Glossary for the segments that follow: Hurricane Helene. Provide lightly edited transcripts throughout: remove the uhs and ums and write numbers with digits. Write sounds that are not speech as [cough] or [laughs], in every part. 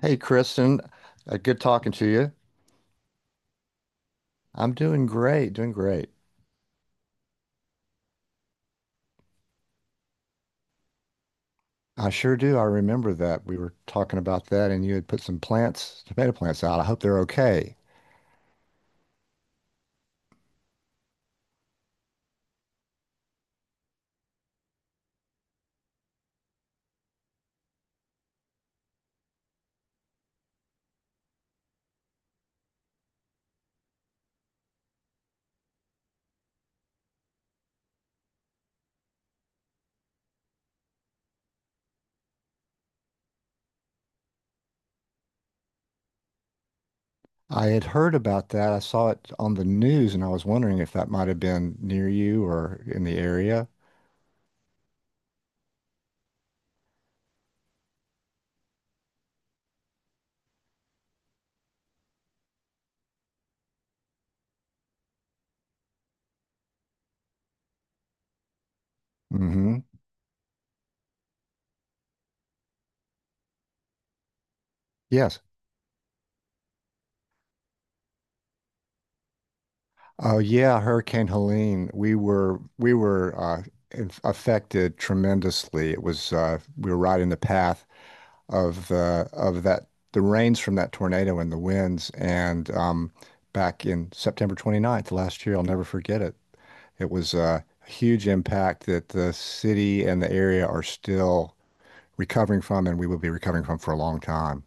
Hey, Kristen, good talking to you. I'm doing great, doing great. I sure do. I remember that we were talking about that, and you had put some plants, tomato plants out. I hope they're okay. I had heard about that. I saw it on the news, and I was wondering if that might have been near you or in the area. Hmm. Yes. Oh, yeah, Hurricane Helene. We were affected tremendously. It was, we were right in the path. Of that the rains from that tornado and the winds. And back in September twenty ninth last year, I'll never forget it. It was a huge impact that the city and the area are still recovering from, and we will be recovering from for a long time.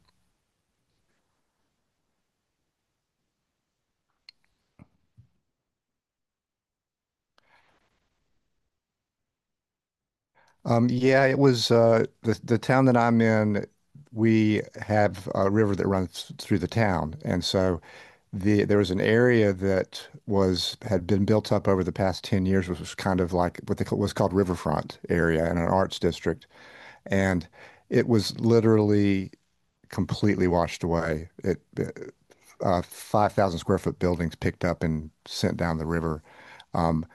Yeah, it was the town that I'm in. We have a river that runs through the town, and so there was an area that was had been built up over the past 10 years, which was kind of like what they call, was called riverfront area in an arts district, and it was literally completely washed away, 5,000 square foot buildings picked up and sent down the river um,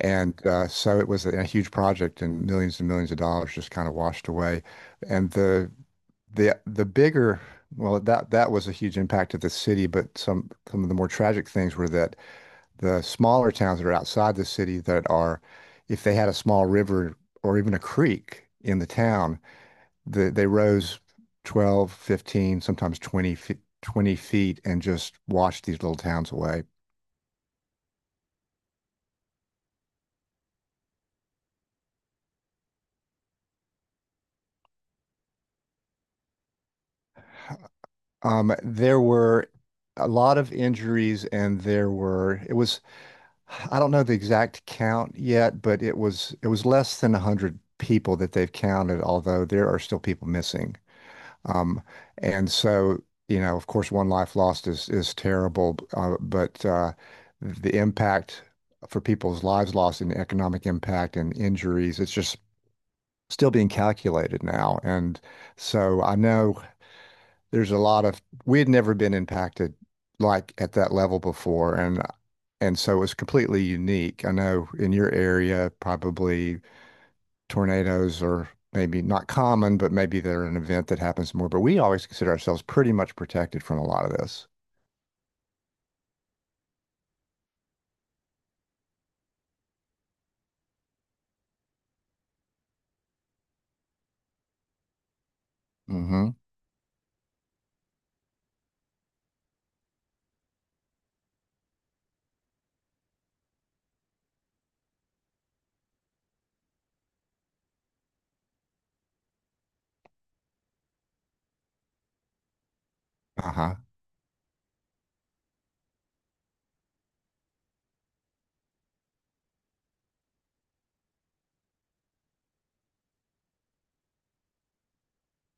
and so it was a huge project, and millions of dollars just kind of washed away. And the bigger, well, that that was a huge impact to the city, but some of the more tragic things were that the smaller towns that are outside the city that are, if they had a small river or even a creek in the town, they rose 12, 15, sometimes 20 feet and just washed these little towns away. There were a lot of injuries, and there were, it was, I don't know the exact count yet, but it was, it was less than 100 people that they've counted, although there are still people missing. Um, and so, you know, of course, one life lost is terrible, but the impact for people's lives lost and the economic impact and injuries, it's just still being calculated now. And so I know there's a lot of, we had never been impacted like at that level before, and so it was completely unique. I know in your area, probably tornadoes are maybe not common, but maybe they're an event that happens more. But we always consider ourselves pretty much protected from a lot of this. Mm-hmm. Uh-huh.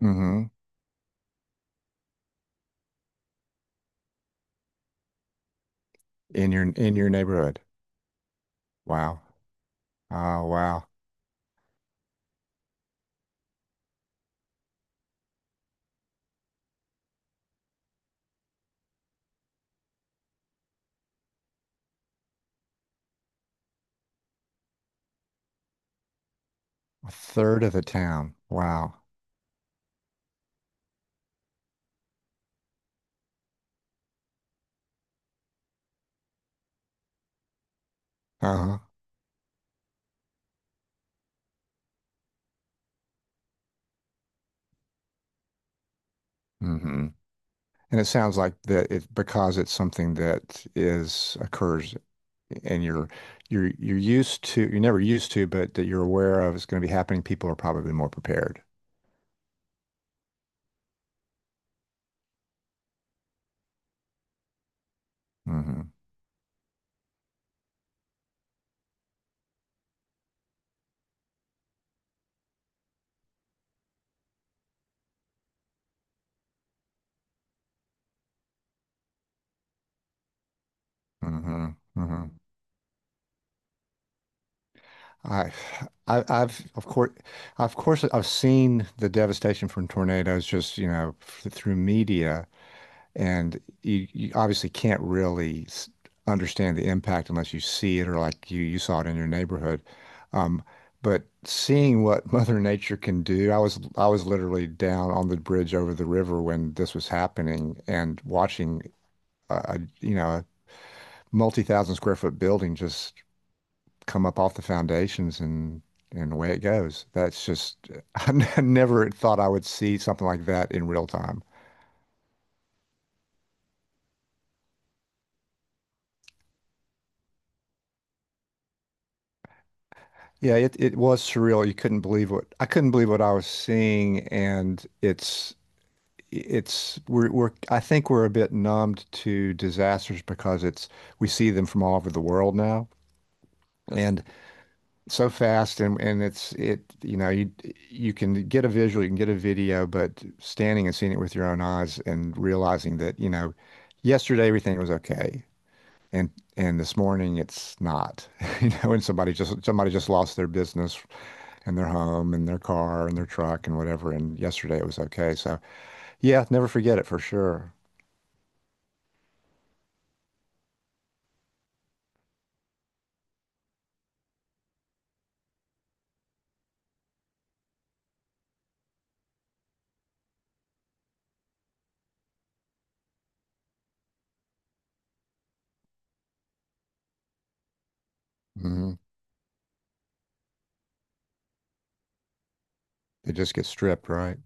Mm-hmm. In your neighborhood. Wow. Oh, wow. A third of the town. Wow. Uh-huh. Mm-hmm. And it sounds like that it, because it's something that is occurs and you're, you're used to, you're never used to, but that you're aware of is going to be happening, people are probably more prepared. Hmm. Hmm. Hmm. I, I've of course I've seen the devastation from tornadoes, just you know through media. And you obviously can't really understand the impact unless you see it, or like you saw it in your neighborhood. Um, but seeing what [laughs] Mother Nature can do, I was literally down on the bridge over the river when this was happening, and watching a, you know, a multi-thousand square foot building just come up off the foundations, and away it goes. That's just, [laughs] I never thought I would see something like that in real time. Yeah, it was surreal. You couldn't believe what, I couldn't believe what I was seeing, and it's, we're I think we're a bit numbed to disasters because it's, we see them from all over the world now. That's, and so fast, and it's, it, you know, you can get a visual, you can get a video, but standing and seeing it with your own eyes and realizing that, you know, yesterday everything was okay, and and this morning it's not, [laughs] you know, and somebody just, somebody just lost their business and their home and their car and their truck and whatever. And yesterday it was okay. So yeah, never forget it for sure. Hmm. It just gets stripped, right?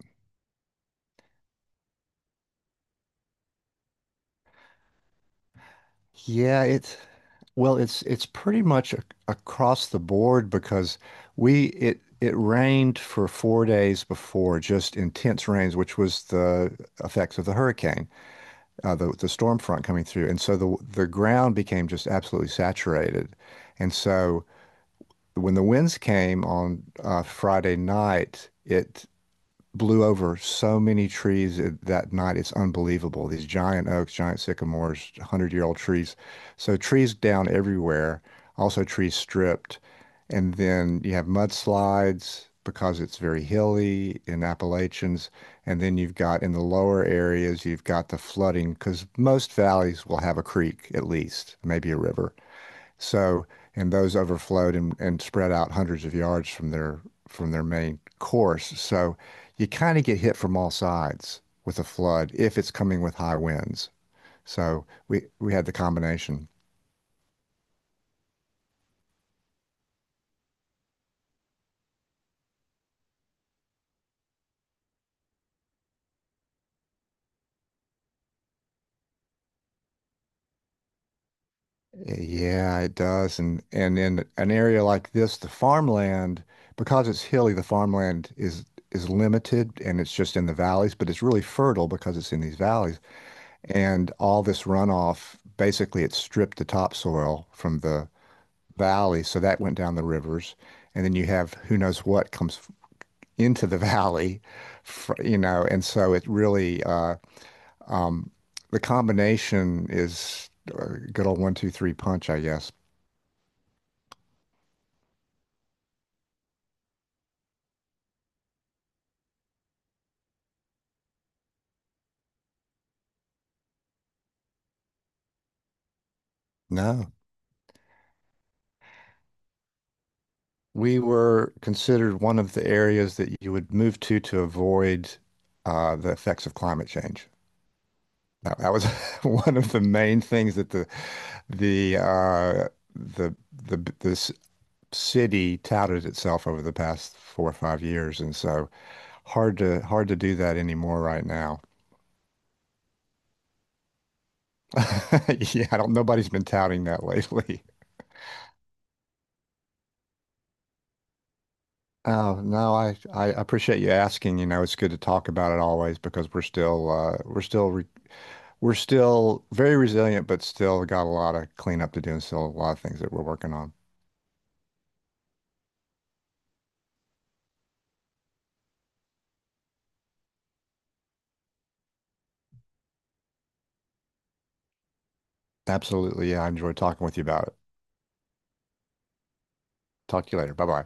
Yeah, it's, well, it's pretty much across the board because we, it rained for 4 days before, just intense rains, which was the effects of the hurricane, the storm front coming through, and so the ground became just absolutely saturated, and so. When the winds came on Friday night, it blew over so many trees that night. It's unbelievable. These giant oaks, giant sycamores, 100-year-old trees. So trees down everywhere, also trees stripped. And then you have mudslides because it's very hilly in Appalachians. And then you've got in the lower areas, you've got the flooding because most valleys will have a creek at least, maybe a river. So, and those overflowed and spread out hundreds of yards from their main course. So you kind of get hit from all sides with a flood if it's coming with high winds. So we had the combination. Yeah, it does. And in an area like this, the farmland, because it's hilly, the farmland is limited and it's just in the valleys, but it's really fertile because it's in these valleys. And all this runoff, basically it stripped the topsoil from the valley, so that went down the rivers, and then you have who knows what comes into the [laughs] valley, you know, and so it really, um, the combination is a good old one, two, three punch, I guess. No, we were considered one of the areas that you would move to avoid the effects of climate change. That, that was [laughs] one of the main things that the uh, the the city touted itself over the past 4 or 5 years, and so hard to do that anymore right now. [laughs] Yeah, I don't, nobody's been touting that lately. [laughs] Oh, no, I appreciate you asking. You know, it's good to talk about it always because we're still re we're still very resilient, but still got a lot of cleanup to do and still a lot of things that we're working on. Absolutely, yeah, I enjoyed talking with you about it. Talk to you later. Bye bye.